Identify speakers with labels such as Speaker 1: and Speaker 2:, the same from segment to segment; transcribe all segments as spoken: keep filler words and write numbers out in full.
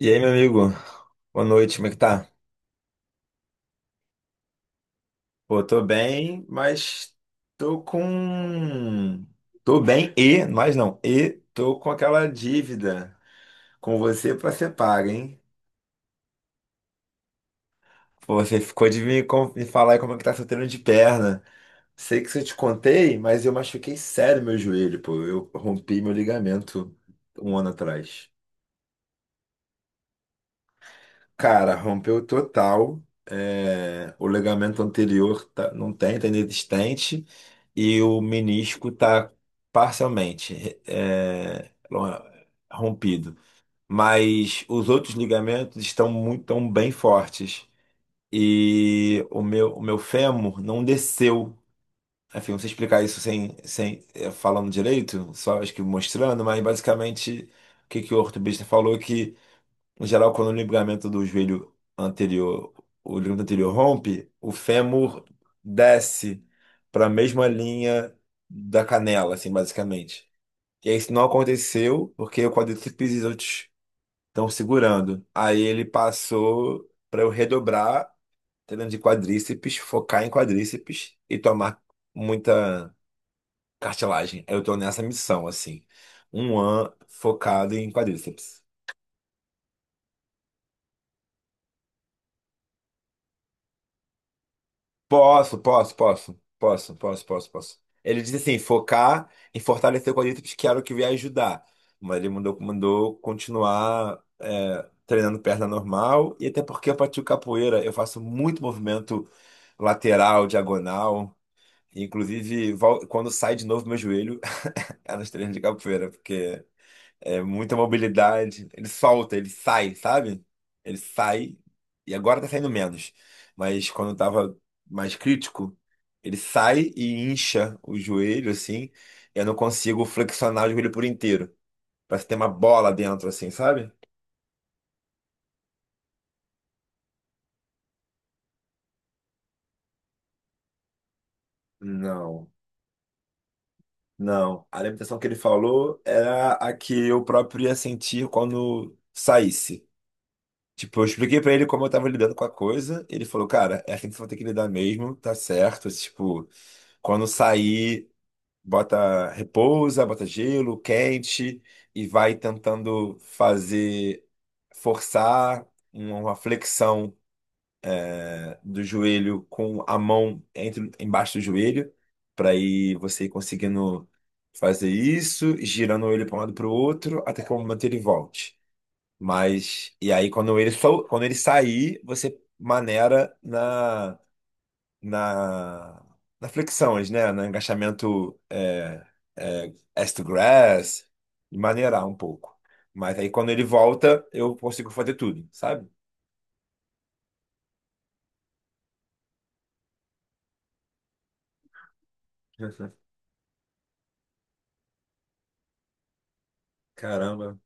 Speaker 1: E aí, meu amigo? Boa noite, como é que tá? Pô, tô bem, mas tô com. Tô bem e, mas não, e tô com aquela dívida com você pra ser paga, hein? Pô, você ficou de me, com- me falar aí como é que tá seu treino de perna. Sei que se eu te contei, mas eu machuquei sério meu joelho, pô. Eu rompi meu ligamento um ano atrás. Cara, rompeu total. É, o ligamento anterior tá- não tem, tá inexistente. E o menisco tá parcialmente é, rompido. Mas os outros ligamentos estão muito, tão bem fortes. E o meu, o meu fêmur não desceu. Enfim, não sei explicar isso sem, sem é, falando direito, só acho que mostrando, mas basicamente o que, que o ortopedista falou é que. Em geral, quando o ligamento do joelho anterior, o ligamento anterior rompe, o fêmur desce para a mesma linha da canela, assim, basicamente. E aí isso não aconteceu porque o quadríceps e os outros estão segurando. Aí ele passou para eu redobrar, treino de quadríceps, focar em quadríceps e tomar muita cartilagem. Eu tô nessa missão, assim. Um ano focado em quadríceps. Posso, posso, posso, posso, posso, posso, posso. Ele disse assim, focar em fortalecer quadríceps, que era o que eu ia ajudar. Mas ele mandou, mandou continuar é, treinando perna normal, e até porque eu pratico capoeira, eu faço muito movimento lateral, diagonal. Inclusive, vol- quando sai de novo meu joelho, é nos treinos de capoeira, porque é muita mobilidade. Ele solta, ele sai, sabe? Ele sai, e agora tá saindo menos. Mas quando tava mais crítico, ele sai e incha o joelho, assim. Eu não consigo flexionar o joelho por inteiro. Parece ter uma bola dentro, assim, sabe? Não, não. A alimentação que ele falou era a que eu próprio ia sentir quando saísse. Tipo, eu expliquei pra ele como eu tava lidando com a coisa. Ele falou, cara, é assim que você vai ter que lidar mesmo, tá certo. Tipo, quando sair, bota repousa, bota gelo, quente, e vai tentando fazer, forçar uma uma flexão, né, do joelho com a mão entre, embaixo do joelho, pra ir você ir conseguindo fazer isso, girando ele pra um lado pro outro, até que o momento ele volte. Mas, e aí quando ele, sol- quando ele sair, você maneira na, na, na flexões, né? No agachamento é, é, ass to grass, e maneirar um pouco. Mas aí quando ele volta, eu consigo fazer tudo, sabe? Caramba.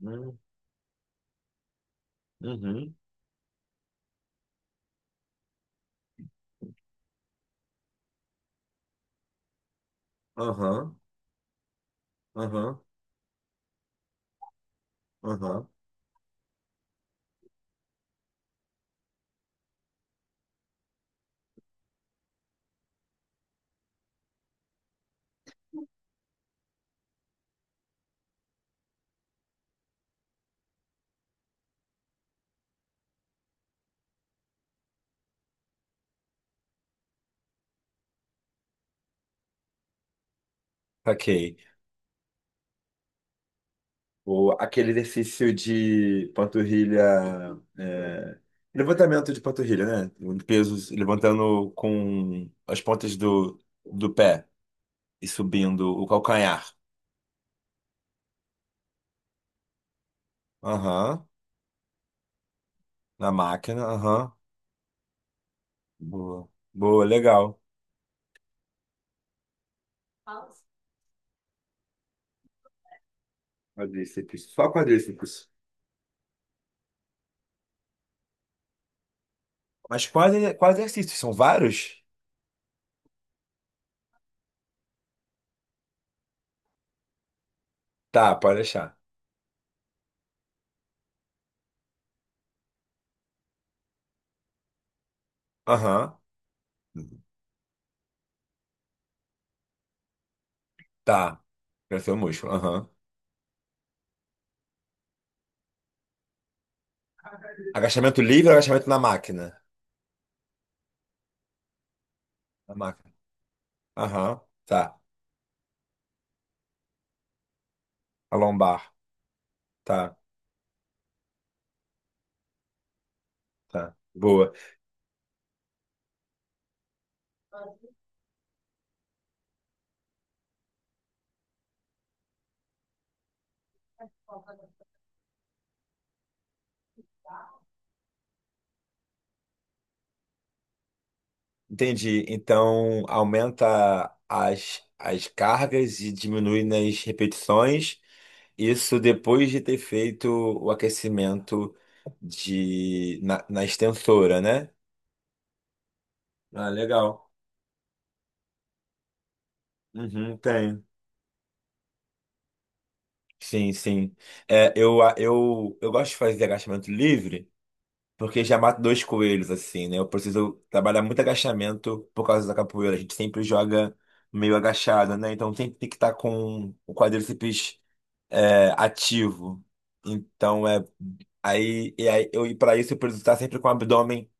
Speaker 1: Hum. Uhum. Aham, aham, aham. Ok. Ou aquele exercício de panturrilha, é, levantamento de panturrilha, né? Pesos levantando com as pontas do, do pé e subindo o calcanhar. Aham, na máquina, aham. Boa, boa, legal. Quadríceps, só quadríceps. Mas quais, quais exercícios? São vários? Tá, pode deixar. Aham, tá. Crescer o músculo, aham. Agachamento livre ou agachamento na máquina? Na máquina. Aham, tá. A lombar. Tá, tá. Boa. Entendi. Então, aumenta as, as cargas e diminui nas repetições. Isso depois de ter feito o aquecimento de, na, na extensora, né? Ah, legal. Uhum, tem. Sim, sim. É, eu, eu, eu gosto de fazer agachamento livre. Porque já mato dois coelhos, assim, né? Eu preciso trabalhar muito agachamento por causa da capoeira. A gente sempre joga meio agachado, né? Então sempre tem que estar com o quadríceps é, ativo. Então é. Aí, e aí eu, e para isso eu preciso estar sempre com o abdômen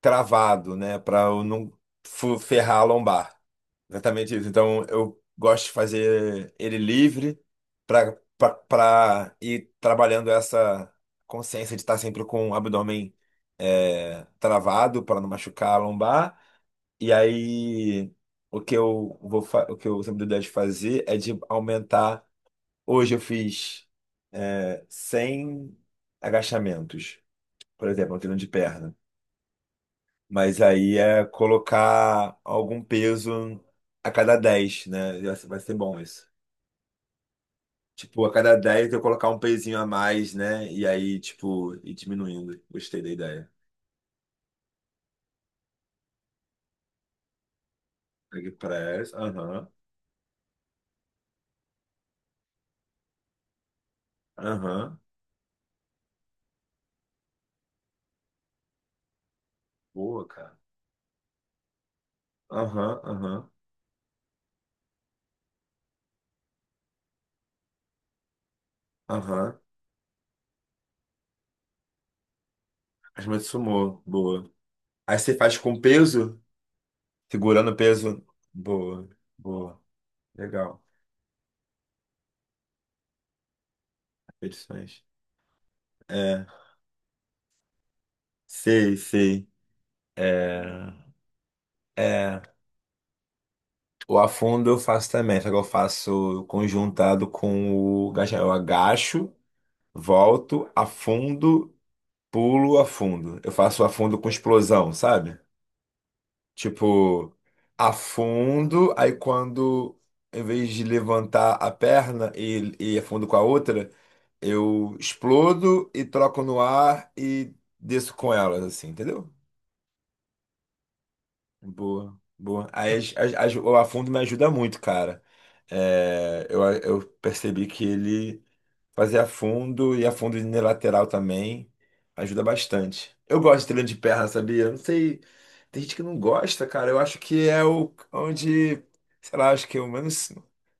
Speaker 1: cravado, né? Para eu não fu- ferrar a lombar. Exatamente isso. Então, eu gosto de fazer ele livre para para ir trabalhando essa consciência de estar sempre com o abdômen é, travado para não machucar a lombar. E aí, o que eu vou fa- o que eu sempre dou ideia de fazer é de aumentar. Hoje eu fiz é, cem agachamentos, por exemplo, um treino de perna. Mas aí é colocar algum peso a cada dez, né? Vai ser vai ser bom isso. Tipo, a cada dez eu colocar um pezinho a mais, né? E aí, tipo, ir diminuindo. Gostei da ideia. Leg press, aham, aham. Boa, cara. Aham, aham, aham. As mãos de sumô, boa. Aí você faz com peso, segurando o peso. Boa, boa. Legal. Repetições. É, sei, sei. É, é. O afundo eu faço também, só que eu faço conjuntado com o agachamento. Eu agacho, volto, afundo, pulo, afundo. Eu faço afundo com explosão, sabe? Tipo, afundo, aí quando, em vez de levantar a perna e, e afundo com a outra, eu explodo e troco no ar e desço com elas, assim, entendeu? Boa, boa. Aí as- as- as- o afundo me ajuda muito, cara. É, eu, eu percebi que ele fazer afundo e afundo unilateral também ajuda bastante. Eu gosto de treino de perna, sabia? Eu não sei, tem gente que não gosta, cara. Eu acho que é o onde, sei lá, acho que eu menos,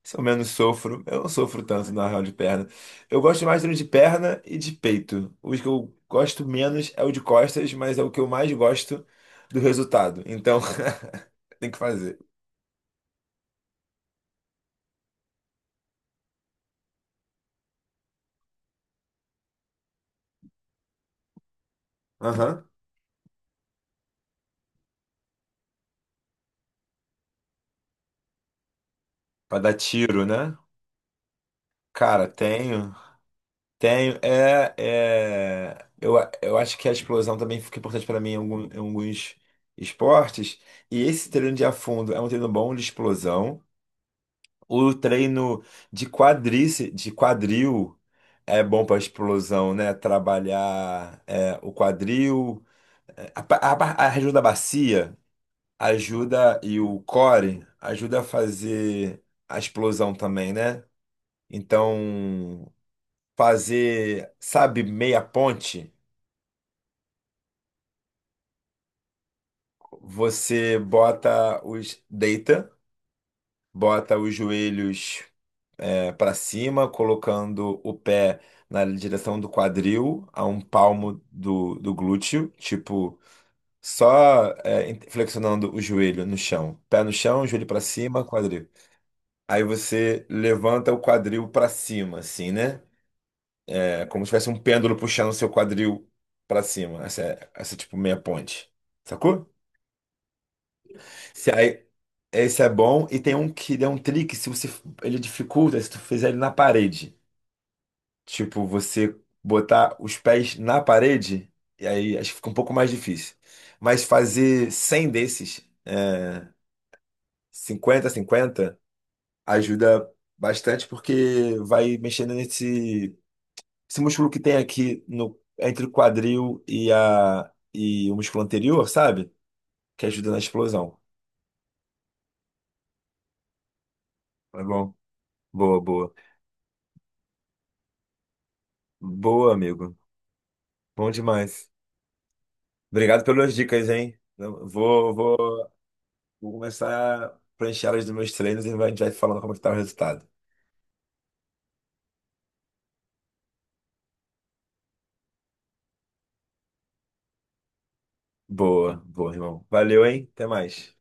Speaker 1: se eu menos sofro. Eu não sofro tanto na real de perna. Eu gosto mais de treino de perna e de peito. Os que eu gosto menos é o de costas, mas é o que eu mais gosto do resultado. Então, tem que fazer. Aham. Pra dar tiro, né? Cara, tenho. Tenho. É, é... Eu, a- eu acho que a explosão também fica importante para mim em algum- em alguns esportes. E esse treino de afundo é um treino bom de explosão. O treino de quadrice, de quadril é bom para explosão, né? Trabalhar é, o quadril. É, A, pa- a, ba- a região da bacia ajuda e o core ajuda a fazer a explosão também, né? Então, fazer, sabe, meia ponte, você bota os, deita, bota os joelhos para cima, colocando o pé na direção do quadril, a um palmo do, do glúteo, tipo, só é, en- flexionando o joelho no chão. Pé no chão, joelho para cima, quadril. Aí você levanta o quadril para cima, assim, né? É como se tivesse um pêndulo puxando o seu quadril pra cima. Essa é, essa é tipo meia ponte. Sacou? Se aí, esse é bom e tem um que é um trick, se você ele dificulta se tu fizer ele na parede. Tipo, você botar os pés na parede e aí acho que fica um pouco mais difícil. Mas fazer cem desses, é, cinquenta 50 ajuda bastante porque vai mexendo nesse esse músculo que tem aqui no, entre o quadril e, a, e o músculo anterior, sabe? Que ajuda na explosão. Tá bom? Boa, boa. Boa, amigo. Bom demais. Obrigado pelas dicas, hein? Eu Vou, vou, vou começar a preencher elas dos meus treinos e a gente vai falando como é que tá o resultado. Boa, boa, irmão. Valeu, hein? Até mais.